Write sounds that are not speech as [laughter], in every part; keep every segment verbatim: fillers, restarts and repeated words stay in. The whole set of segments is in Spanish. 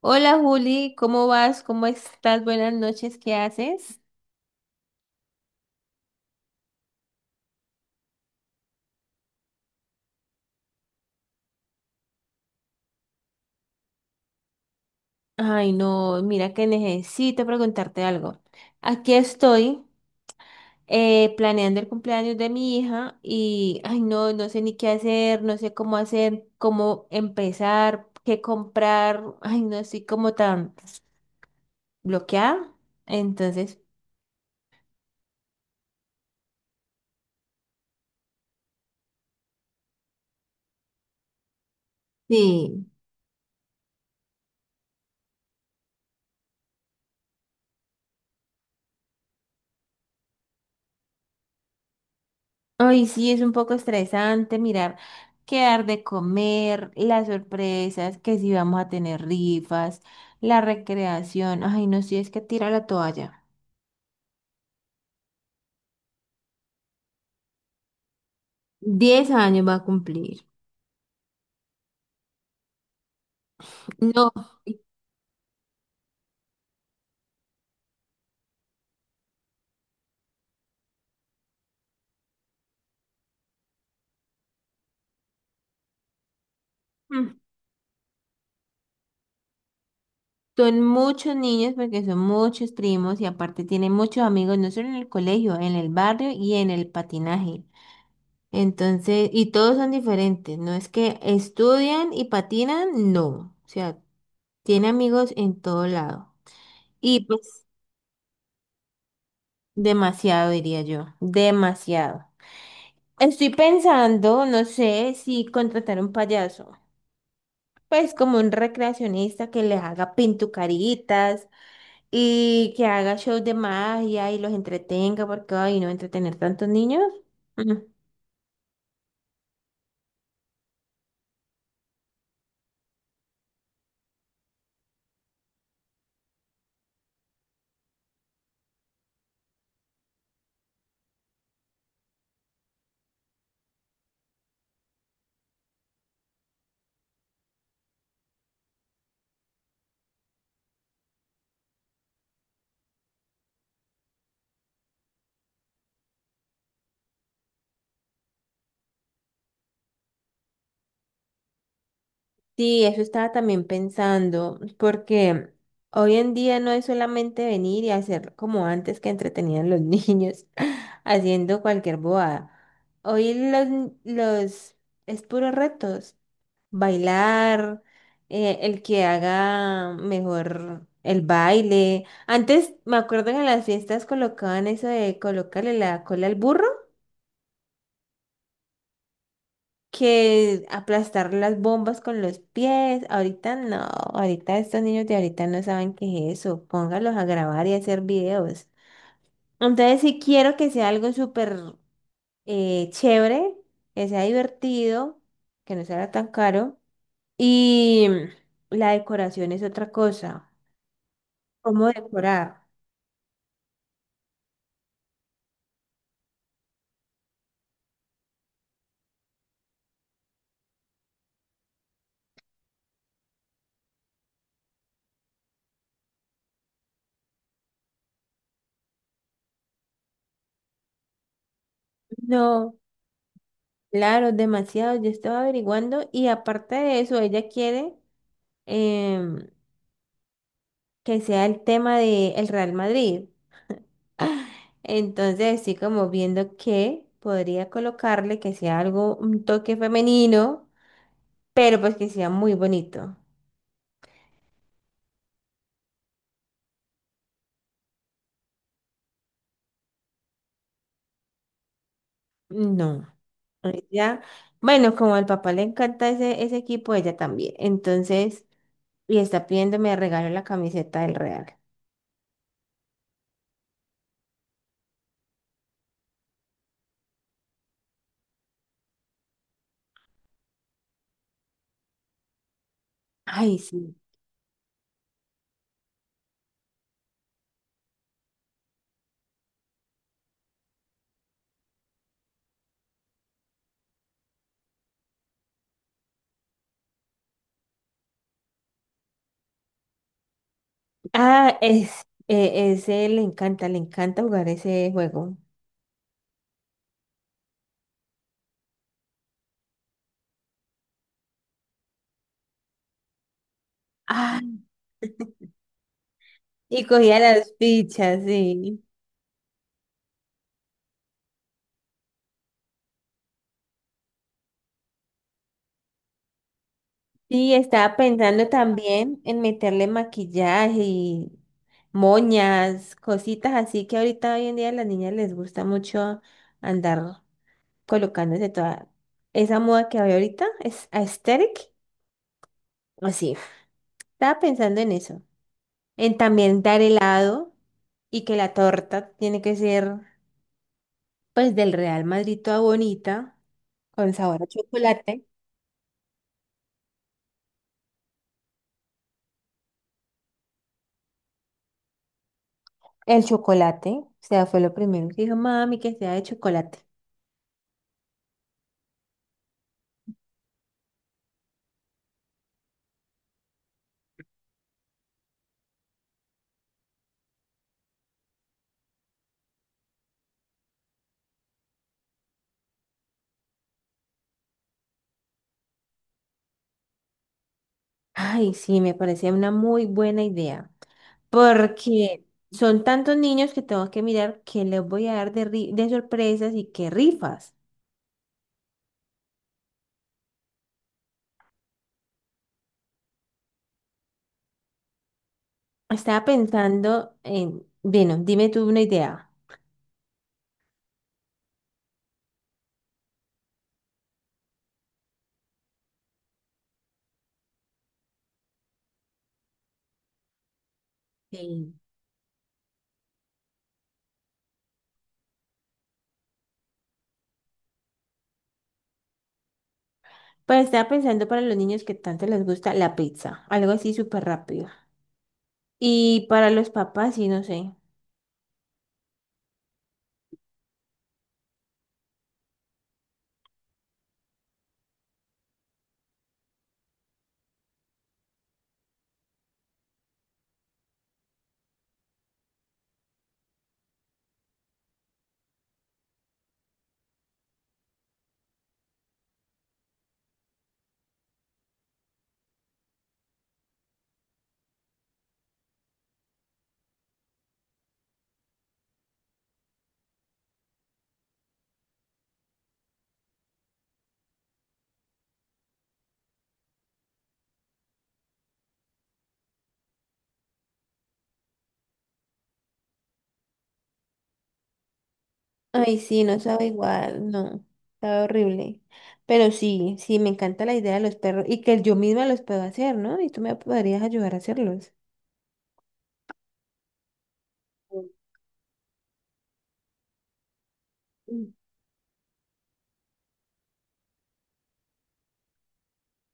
Hola Juli, ¿cómo vas? ¿Cómo estás? Buenas noches, ¿qué haces? Ay, no, mira que necesito preguntarte algo. Aquí estoy eh, planeando el cumpleaños de mi hija y, ay, no, no sé ni qué hacer, no sé cómo hacer, cómo empezar, qué comprar. Ay, no estoy como tan bloqueada. Entonces, sí, ay, sí, es un poco estresante mirar qué dar de comer, las sorpresas, que si vamos a tener rifas, la recreación. Ay, no, si es que tira la toalla. Diez años va a cumplir. No, mm, son muchos niños porque son muchos primos y aparte tienen muchos amigos, no solo en el colegio, en el barrio y en el patinaje. Entonces, y todos son diferentes, no es que estudian y patinan, no. O sea, tiene amigos en todo lado. Y pues demasiado, diría yo, demasiado. Estoy pensando, no sé, si contratar un payaso, pues como un recreacionista que les haga pintucaritas y que haga shows de magia y los entretenga, porque ay, no entretener tantos niños. Mm, sí, eso estaba también pensando, porque hoy en día no es solamente venir y hacer como antes que entretenían los niños [laughs] haciendo cualquier bobada. Hoy los, los es puros retos, bailar, eh, el que haga mejor el baile. Antes me acuerdo que en las fiestas colocaban eso de colocarle la cola al burro que aplastar las bombas con los pies. Ahorita no, ahorita estos niños de ahorita no saben qué es eso. Póngalos a grabar y a hacer videos. Entonces, si quiero que sea algo súper eh, chévere, que sea divertido, que no sea tan caro. Y la decoración es otra cosa. ¿Cómo decorar? No, claro, demasiado. Yo estaba averiguando y aparte de eso, ella quiere em, que sea el tema del Real Madrid. Entonces, sí, como viendo que podría colocarle que sea algo, un toque femenino, pero pues que sea muy bonito. No, ella, bueno, como al papá le encanta ese, ese equipo, ella también. Entonces, y está pidiéndome de regalo la camiseta del Real. Ay, sí. Ah, es, eh, ese le encanta, le encanta jugar ese juego. Ah, y cogía las fichas, sí. Sí, estaba pensando también en meterle maquillaje y moñas, cositas así que ahorita hoy en día a las niñas les gusta mucho andar colocándose toda esa moda que hay ahorita, es aesthetic. Así, estaba pensando en eso, en también dar helado y que la torta tiene que ser pues del Real Madrid toda bonita, con sabor a chocolate. El chocolate, o sea, fue lo primero que dijo mami que sea de chocolate. Ay, sí, me parece una muy buena idea, porque son tantos niños que tengo que mirar qué les voy a dar de, ri- de sorpresas y qué rifas. Estaba pensando en, bueno, dime tú una idea. Sí. Pues estaba pensando para los niños que tanto les gusta la pizza, algo así súper rápido. Y para los papás, sí, no sé. Ay, sí, no sabe igual, no, sabe horrible. Pero sí, sí, me encanta la idea de los perros y que yo misma los puedo hacer, ¿no? Y tú me podrías ayudar a hacerlos.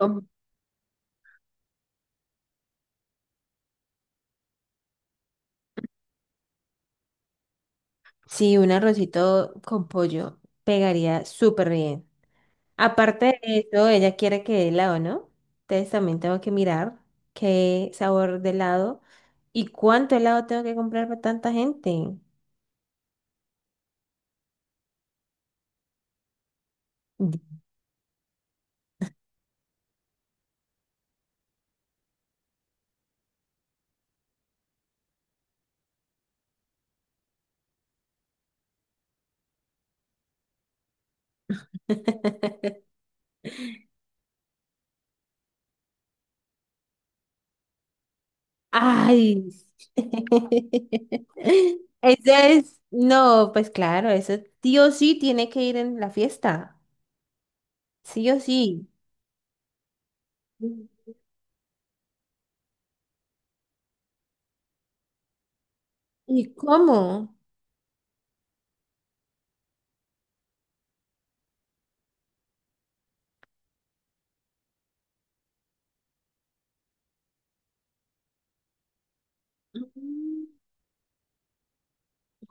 Um, Sí, un arrocito con pollo pegaría súper bien. Aparte de eso, ella quiere que dé helado, ¿no? Entonces también tengo que mirar qué sabor de helado y cuánto helado tengo que comprar para tanta gente. [laughs] Ay. [laughs] Eso es, no, pues claro, eso sí o sí tiene que ir en la fiesta. Sí o sí. ¿Y cómo?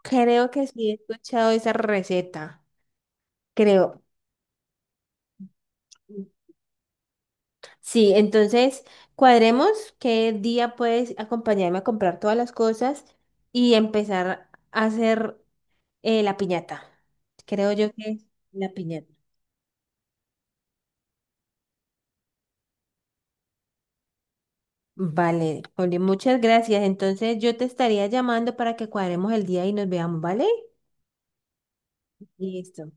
Creo que sí he escuchado esa receta. Creo. Sí, entonces cuadremos qué día puedes acompañarme a comprar todas las cosas y empezar a hacer eh, la piñata. Creo yo que es la piñata. Vale, Oli, muchas gracias. Entonces yo te estaría llamando para que cuadremos el día y nos veamos, ¿vale? Listo.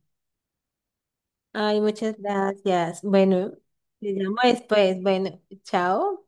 Ay, muchas gracias. Bueno, te llamo después. Bueno, chao.